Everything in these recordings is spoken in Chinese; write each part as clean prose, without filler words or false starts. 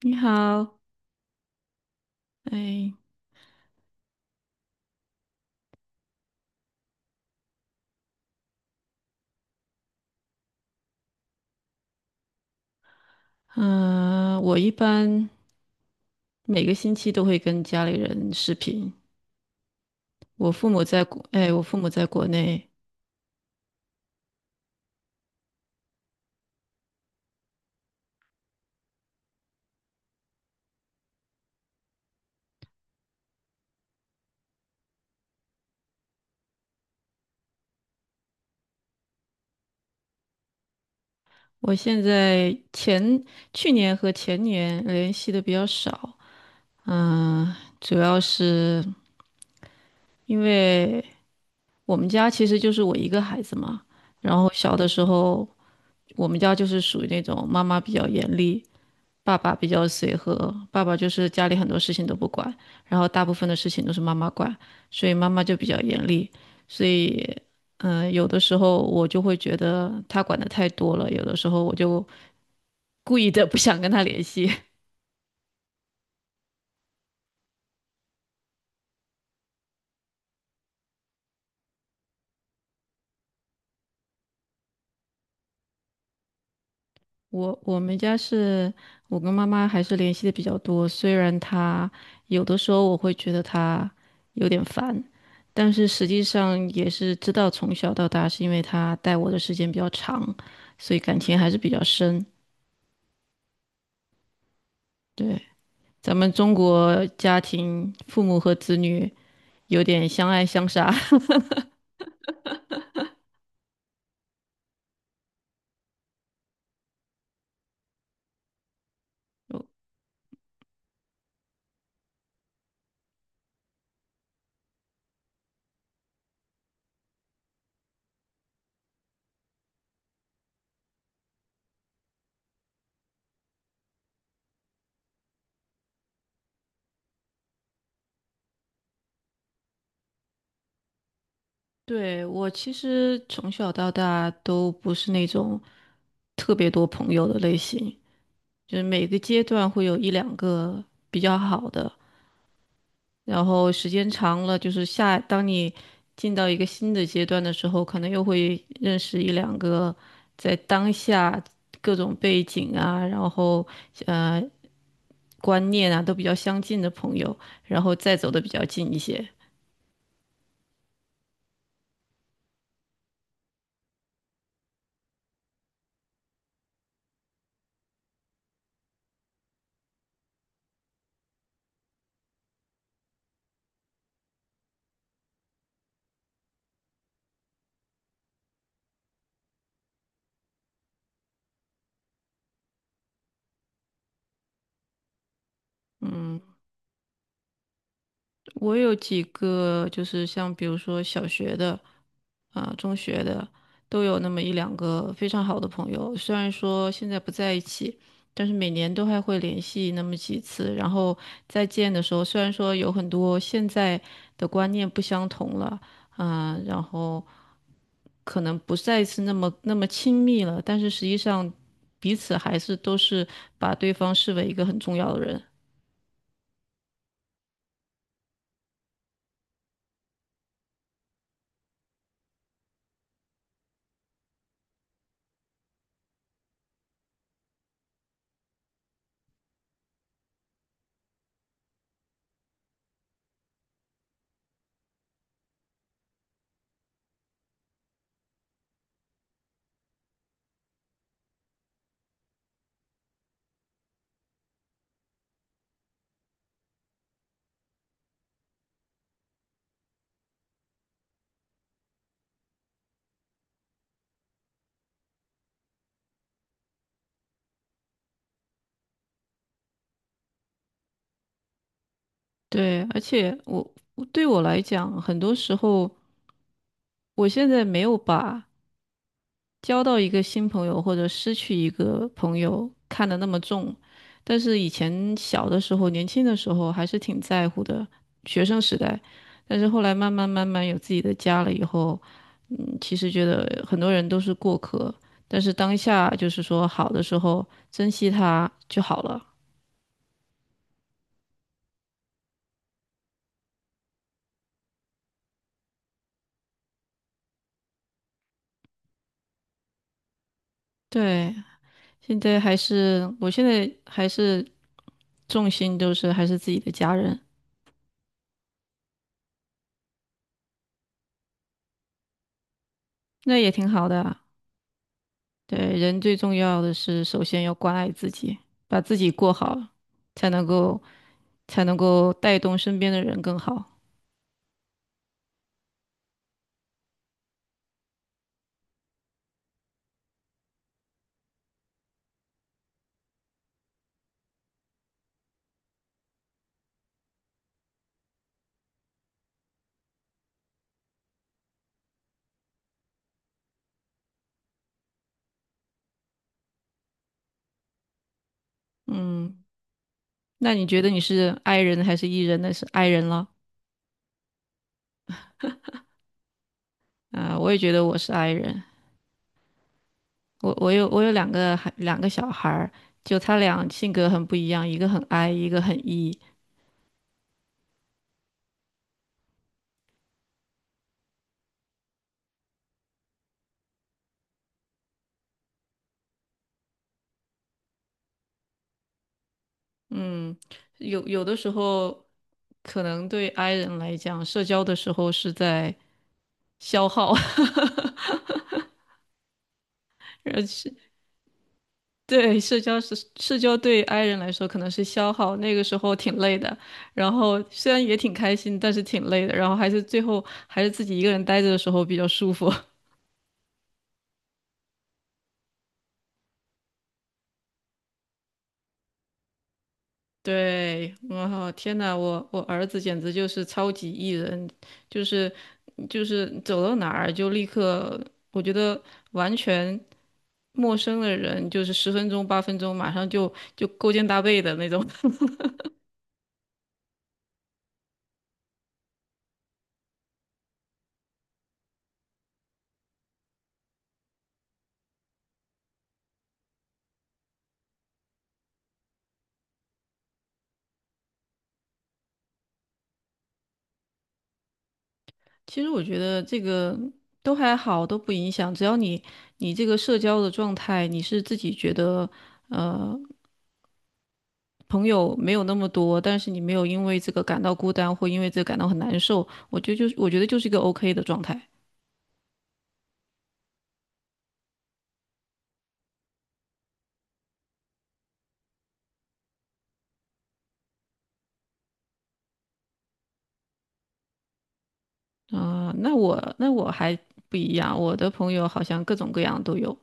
你好，哎，嗯、我一般每个星期都会跟家里人视频。我父母在国内。我现在前去年和前年联系的比较少，嗯、主要是因为我们家其实就是我一个孩子嘛。然后小的时候，我们家就是属于那种妈妈比较严厉，爸爸比较随和，爸爸就是家里很多事情都不管，然后大部分的事情都是妈妈管，所以妈妈就比较严厉。所以，有的时候我就会觉得他管的太多了，有的时候我就故意的 不想跟他联系。我们家是我跟妈妈还是联系的比较多，虽然她有的时候我会觉得她有点烦，但是实际上也是知道从小到大是因为她带我的时间比较长，所以感情还是比较深。对，咱们中国家庭，父母和子女有点相爱相杀。对，我其实从小到大都不是那种特别多朋友的类型，就是每个阶段会有一两个比较好的，然后时间长了，就是下，当你进到一个新的阶段的时候，可能又会认识一两个在当下各种背景啊，然后呃观念啊都比较相近的朋友，然后再走的比较近一些。嗯，我有几个就是像比如说小学的啊、中学的，都有那么一两个非常好的朋友，虽然说现在不在一起。但是每年都还会联系那么几次，然后再见的时候，虽然说有很多现在的观念不相同了，啊、然后可能不再是那么亲密了，但是实际上彼此还是都是把对方视为一个很重要的人。对，而且我对我来讲，很多时候我现在没有把交到一个新朋友或者失去一个朋友看得那么重，但是以前小的时候、年轻的时候还是挺在乎的，学生时代。但是后来慢慢有自己的家了以后，嗯，其实觉得很多人都是过客，但是当下就是说好的时候珍惜他就好了。对，现在还是，我现在还是重心都是还是自己的家人，那也挺好的。对，人最重要的是，首先要关爱自己，把自己过好，才能够才能够带动身边的人更好。嗯，那你觉得你是 I 人还是 E 人呢？是 I 人了啊，我也觉得我是 I 人。我有两个小孩儿，就他俩性格很不一样，一个很 I，一个很 E。嗯，有的时候可能对 I 人来讲，社交的时候是在消耗。而且对，社交对 i 人来说可能是消耗，那个时候挺累的，然后虽然也挺开心，但是挺累的，然后还是最后还是自己一个人待着的时候比较舒服。对，我天呐，我儿子简直就是超级 E 人，就是就是走到哪儿就立刻，我觉得完全陌生的人，就是十分钟八分钟马上就勾肩搭背的那种。其实我觉得这个都还好，都不影响。只要你这个社交的状态，你是自己觉得朋友没有那么多，但是你没有因为这个感到孤单或因为这个感到很难受，我觉得就是一个 OK 的状态。啊、那我还不一样，我的朋友好像各种各样都有，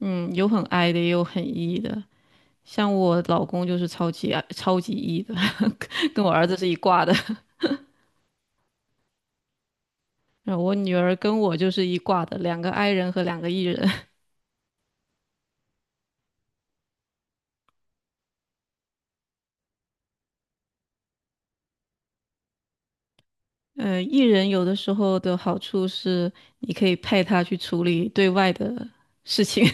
嗯，有很 I 的，也有很 E 的。像我老公就是超级 E 的，跟我儿子是一挂的，然后我女儿跟我就是一挂的，两个 I 人和两个 E 人。呃，艺人有的时候的好处是，你可以派他去处理对外的事情。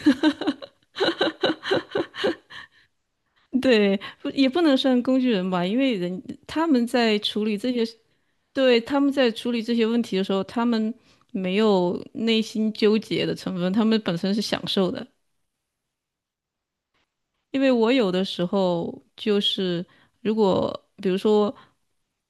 对，不不能算工具人吧，因为人他们在处理这些，对，他们在处理这些问题的时候，他们没有内心纠结的成分，他们本身是享受的。因为我有的时候就是，如果比如说，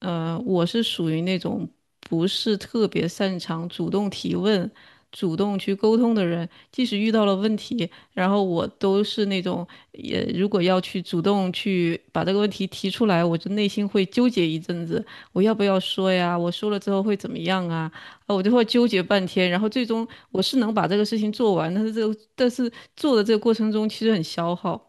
我是属于那种不是特别擅长主动提问、主动去沟通的人，即使遇到了问题，然后我都是那种，也如果要去主动去把这个问题提出来，我就内心会纠结一阵子，我要不要说呀？我说了之后会怎么样啊？啊，我就会纠结半天，然后最终我是能把这个事情做完，但是做的这个过程中其实很消耗。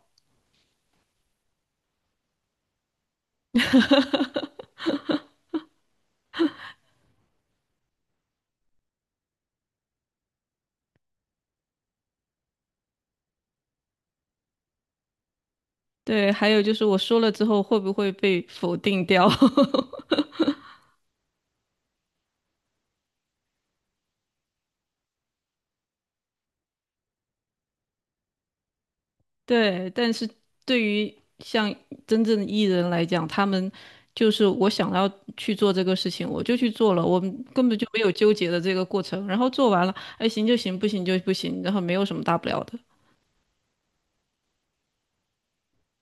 对，还有就是我说了之后会不会被否定掉？对，但是对于像真正的艺人来讲，他们就是我想要去做这个事情，我就去做了，我们根本就没有纠结的这个过程。然后做完了，哎，行就行，不行就不行，然后没有什么大不了的。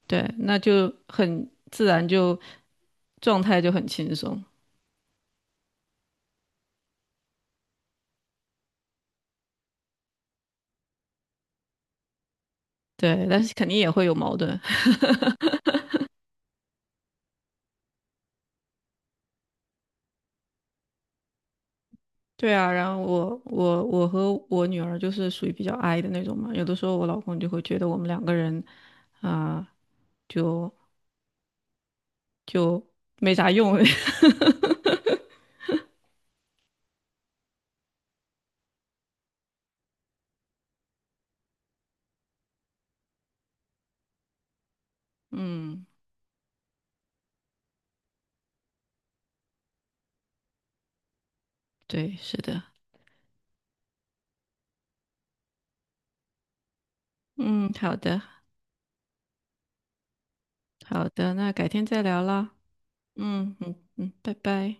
对，那就很自然就，状态就很轻松。对，但是肯定也会有矛盾。对啊，然后我我和我女儿就是属于比较 i 的那种嘛，有的时候我老公就会觉得我们两个人啊、就就没啥用。嗯，对，是的，嗯，好的，好的，那改天再聊啦。嗯嗯嗯，拜拜。